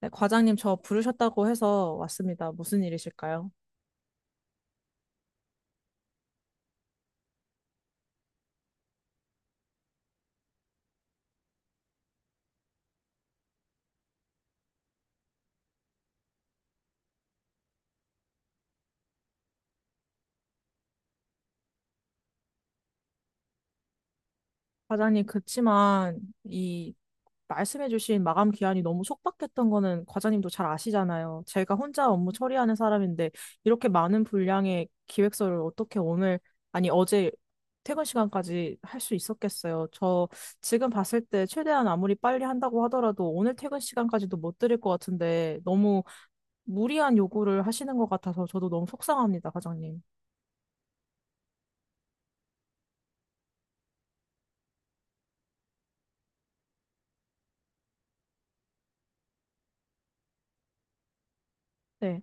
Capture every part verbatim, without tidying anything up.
네, 과장님 저 부르셨다고 해서 왔습니다. 무슨 일이실까요? 과장님, 그치만 이 말씀해주신 마감 기한이 너무 촉박했던 거는 과장님도 잘 아시잖아요. 제가 혼자 업무 처리하는 사람인데 이렇게 많은 분량의 기획서를 어떻게 오늘, 아니 어제 퇴근 시간까지 할 수 있었겠어요? 저 지금 봤을 때 최대한 아무리 빨리 한다고 하더라도 오늘 퇴근 시간까지도 못 드릴 것 같은데, 너무 무리한 요구를 하시는 것 같아서 저도 너무 속상합니다, 과장님. 네.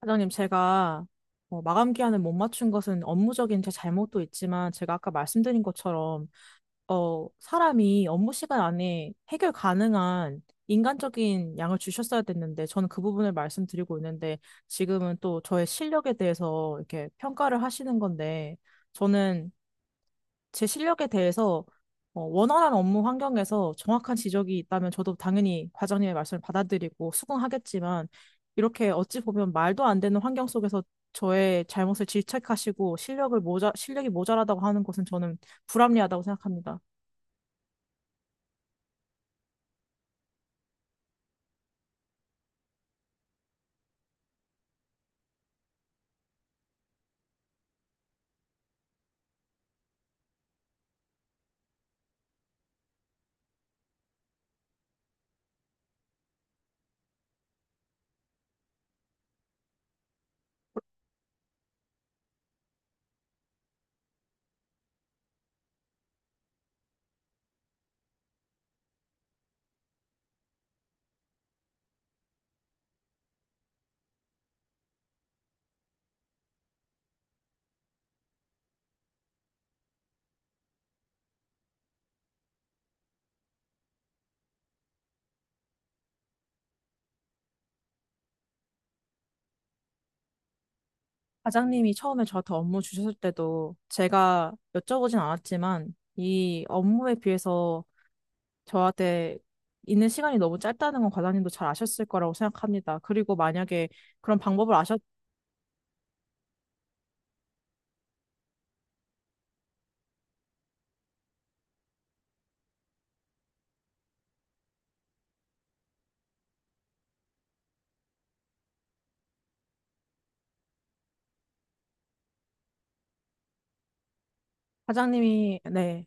사장님, 제가 어, 마감 기한을 못 맞춘 것은 업무적인 제 잘못도 있지만, 제가 아까 말씀드린 것처럼 어, 사람이 업무 시간 안에 해결 가능한 인간적인 양을 주셨어야 됐는데, 저는 그 부분을 말씀드리고 있는데 지금은 또 저의 실력에 대해서 이렇게 평가를 하시는 건데, 저는 제 실력에 대해서 어, 원활한 업무 환경에서 정확한 지적이 있다면 저도 당연히 과장님의 말씀을 받아들이고 수긍하겠지만, 이렇게 어찌 보면 말도 안 되는 환경 속에서 저의 잘못을 질책하시고 실력을 모자, 실력이 모자라다고 하는 것은 저는 불합리하다고 생각합니다. 과장님이 처음에 저한테 업무 주셨을 때도 제가 여쭤보진 않았지만, 이 업무에 비해서 저한테 있는 시간이 너무 짧다는 건 과장님도 잘 아셨을 거라고 생각합니다. 그리고 만약에 그런 방법을 아셨 과장님이, 네.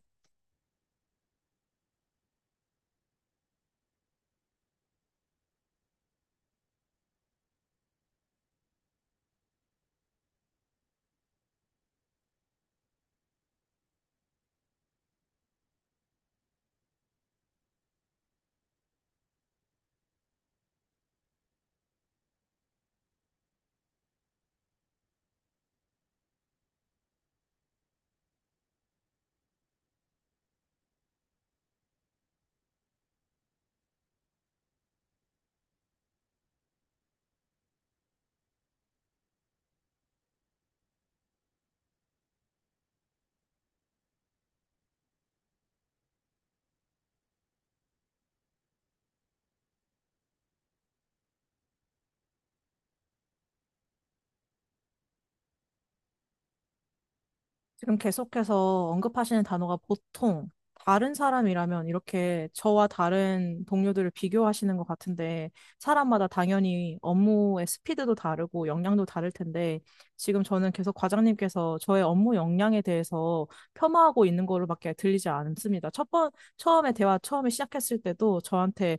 지금 계속해서 언급하시는 단어가 보통 다른 사람이라면, 이렇게 저와 다른 동료들을 비교하시는 것 같은데, 사람마다 당연히 업무의 스피드도 다르고 역량도 다를 텐데, 지금 저는 계속 과장님께서 저의 업무 역량에 대해서 폄하하고 있는 거로밖에 들리지 않습니다. 첫 번, 처음에 대화 처음에 시작했을 때도 저한테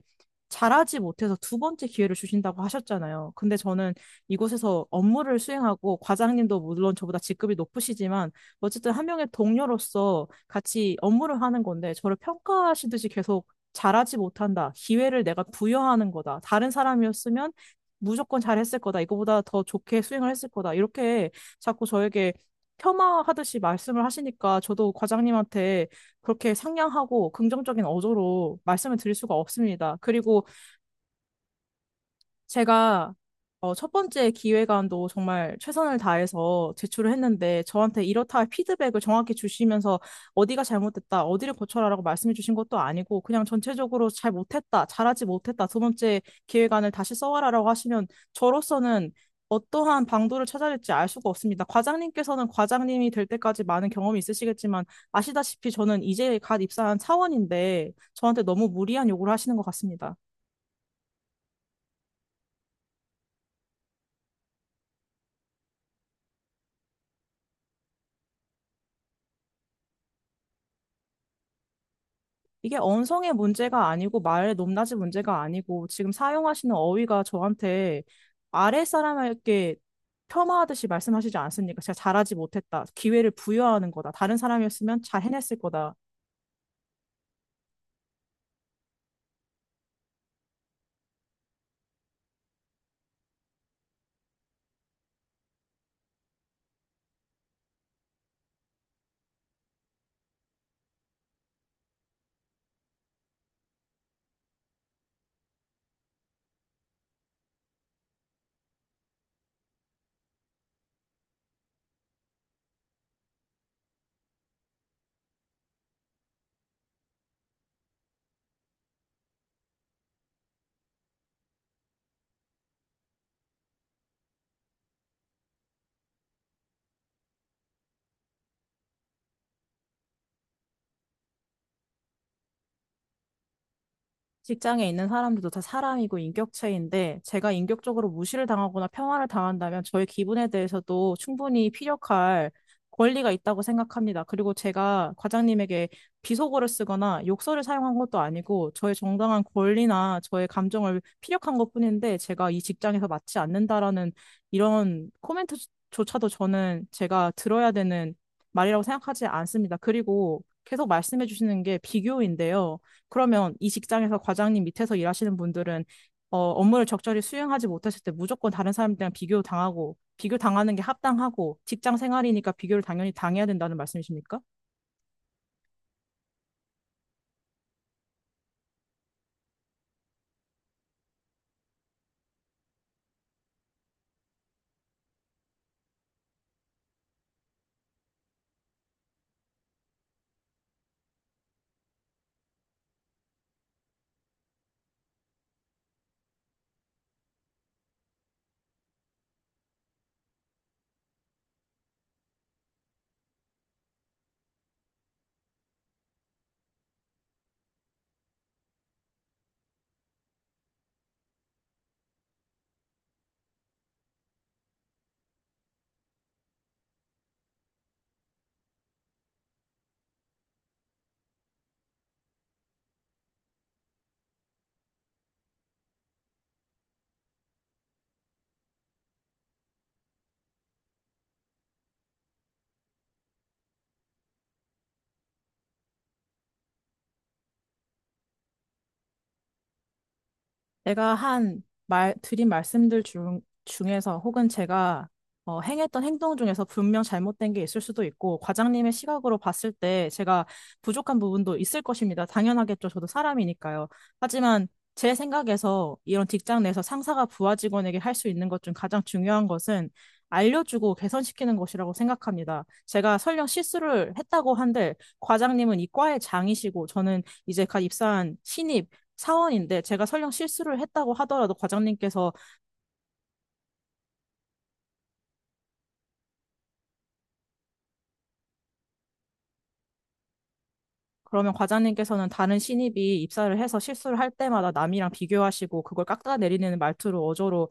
잘하지 못해서 두 번째 기회를 주신다고 하셨잖아요. 근데 저는 이곳에서 업무를 수행하고, 과장님도 물론 저보다 직급이 높으시지만 어쨌든 한 명의 동료로서 같이 업무를 하는 건데, 저를 평가하시듯이 계속 잘하지 못한다, 기회를 내가 부여하는 거다, 다른 사람이었으면 무조건 잘했을 거다, 이거보다 더 좋게 수행을 했을 거다, 이렇게 자꾸 저에게 폄하하듯이 말씀을 하시니까 저도 과장님한테 그렇게 상냥하고 긍정적인 어조로 말씀을 드릴 수가 없습니다. 그리고 제가 어, 첫 번째 기획안도 정말 최선을 다해서 제출을 했는데, 저한테 이렇다 할 피드백을 정확히 주시면서 어디가 잘못됐다, 어디를 고쳐라라고 말씀해 주신 것도 아니고, 그냥 전체적으로 잘 못했다, 잘하지 못했다, 두 번째 기획안을 다시 써와라라고 하시면 저로서는 어떠한 방도를 찾아야 될지 알 수가 없습니다. 과장님께서는 과장님이 될 때까지 많은 경험이 있으시겠지만, 아시다시피 저는 이제 갓 입사한 사원인데 저한테 너무 무리한 요구를 하시는 것 같습니다. 이게 언성의 문제가 아니고, 말의 높낮이 문제가 아니고, 지금 사용하시는 어휘가 저한테, 아래 사람에게 폄하하듯이 말씀하시지 않습니까? 제가 잘하지 못했다, 기회를 부여하는 거다, 다른 사람이었으면 잘 해냈을 거다. 직장에 있는 사람들도 다 사람이고 인격체인데, 제가 인격적으로 무시를 당하거나 평화를 당한다면 저의 기분에 대해서도 충분히 피력할 권리가 있다고 생각합니다. 그리고 제가 과장님에게 비속어를 쓰거나 욕설을 사용한 것도 아니고, 저의 정당한 권리나 저의 감정을 피력한 것뿐인데, 제가 이 직장에서 맞지 않는다라는 이런 코멘트조차도 저는 제가 들어야 되는 말이라고 생각하지 않습니다. 그리고 계속 말씀해 주시는 게 비교인데요. 그러면 이 직장에서 과장님 밑에서 일하시는 분들은 어, 업무를 적절히 수행하지 못했을 때 무조건 다른 사람들이랑 비교 당하고, 비교 당하는 게 합당하고 직장 생활이니까 비교를 당연히 당해야 된다는 말씀이십니까? 내가 한 말, 드린 말씀들 중, 중에서, 혹은 제가 어, 행했던 행동 중에서 분명 잘못된 게 있을 수도 있고, 과장님의 시각으로 봤을 때 제가 부족한 부분도 있을 것입니다. 당연하겠죠. 저도 사람이니까요. 하지만 제 생각에서 이런 직장 내에서 상사가 부하 직원에게 할 수 있는 것 중 가장 중요한 것은 알려주고 개선시키는 것이라고 생각합니다. 제가 설령 실수를 했다고 한들 과장님은 이 과의 장이시고 저는 이제 갓 입사한 신입 사원인데, 제가 설령 실수를 했다고 하더라도 과장님께서. 그러면 과장님께서는 다른 신입이 입사를 해서 실수를 할 때마다 남이랑 비교하시고 그걸 깎아내리는 말투로, 어조로.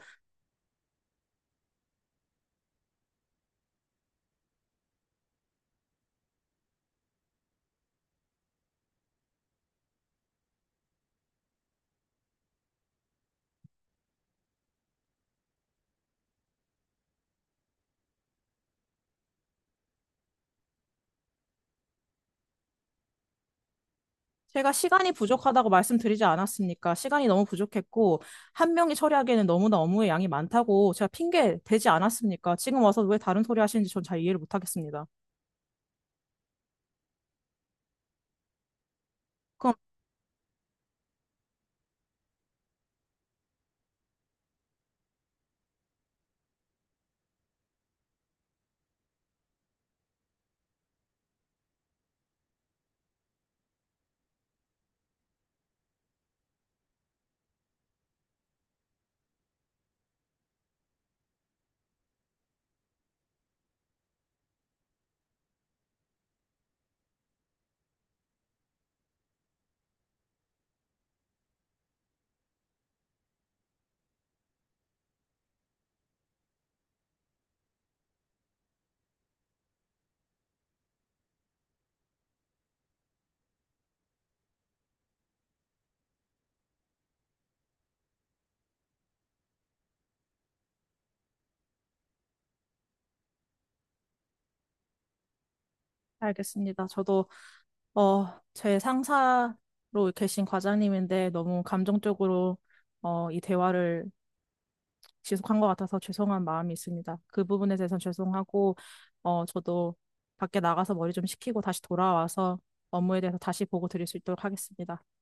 제가 시간이 부족하다고 말씀드리지 않았습니까? 시간이 너무 부족했고 한 명이 처리하기에는 너무나 업무의 양이 많다고 제가 핑계 대지 않았습니까? 지금 와서 왜 다른 소리 하시는지 전 잘 이해를 못하겠습니다. 그럼 알겠습니다. 저도 어, 제 상사로 계신 과장님인데 너무 감정적으로 어, 이 대화를 지속한 것 같아서 죄송한 마음이 있습니다. 그 부분에 대해서는 죄송하고, 어, 저도 밖에 나가서 머리 좀 식히고 다시 돌아와서 업무에 대해서 다시 보고 드릴 수 있도록 하겠습니다.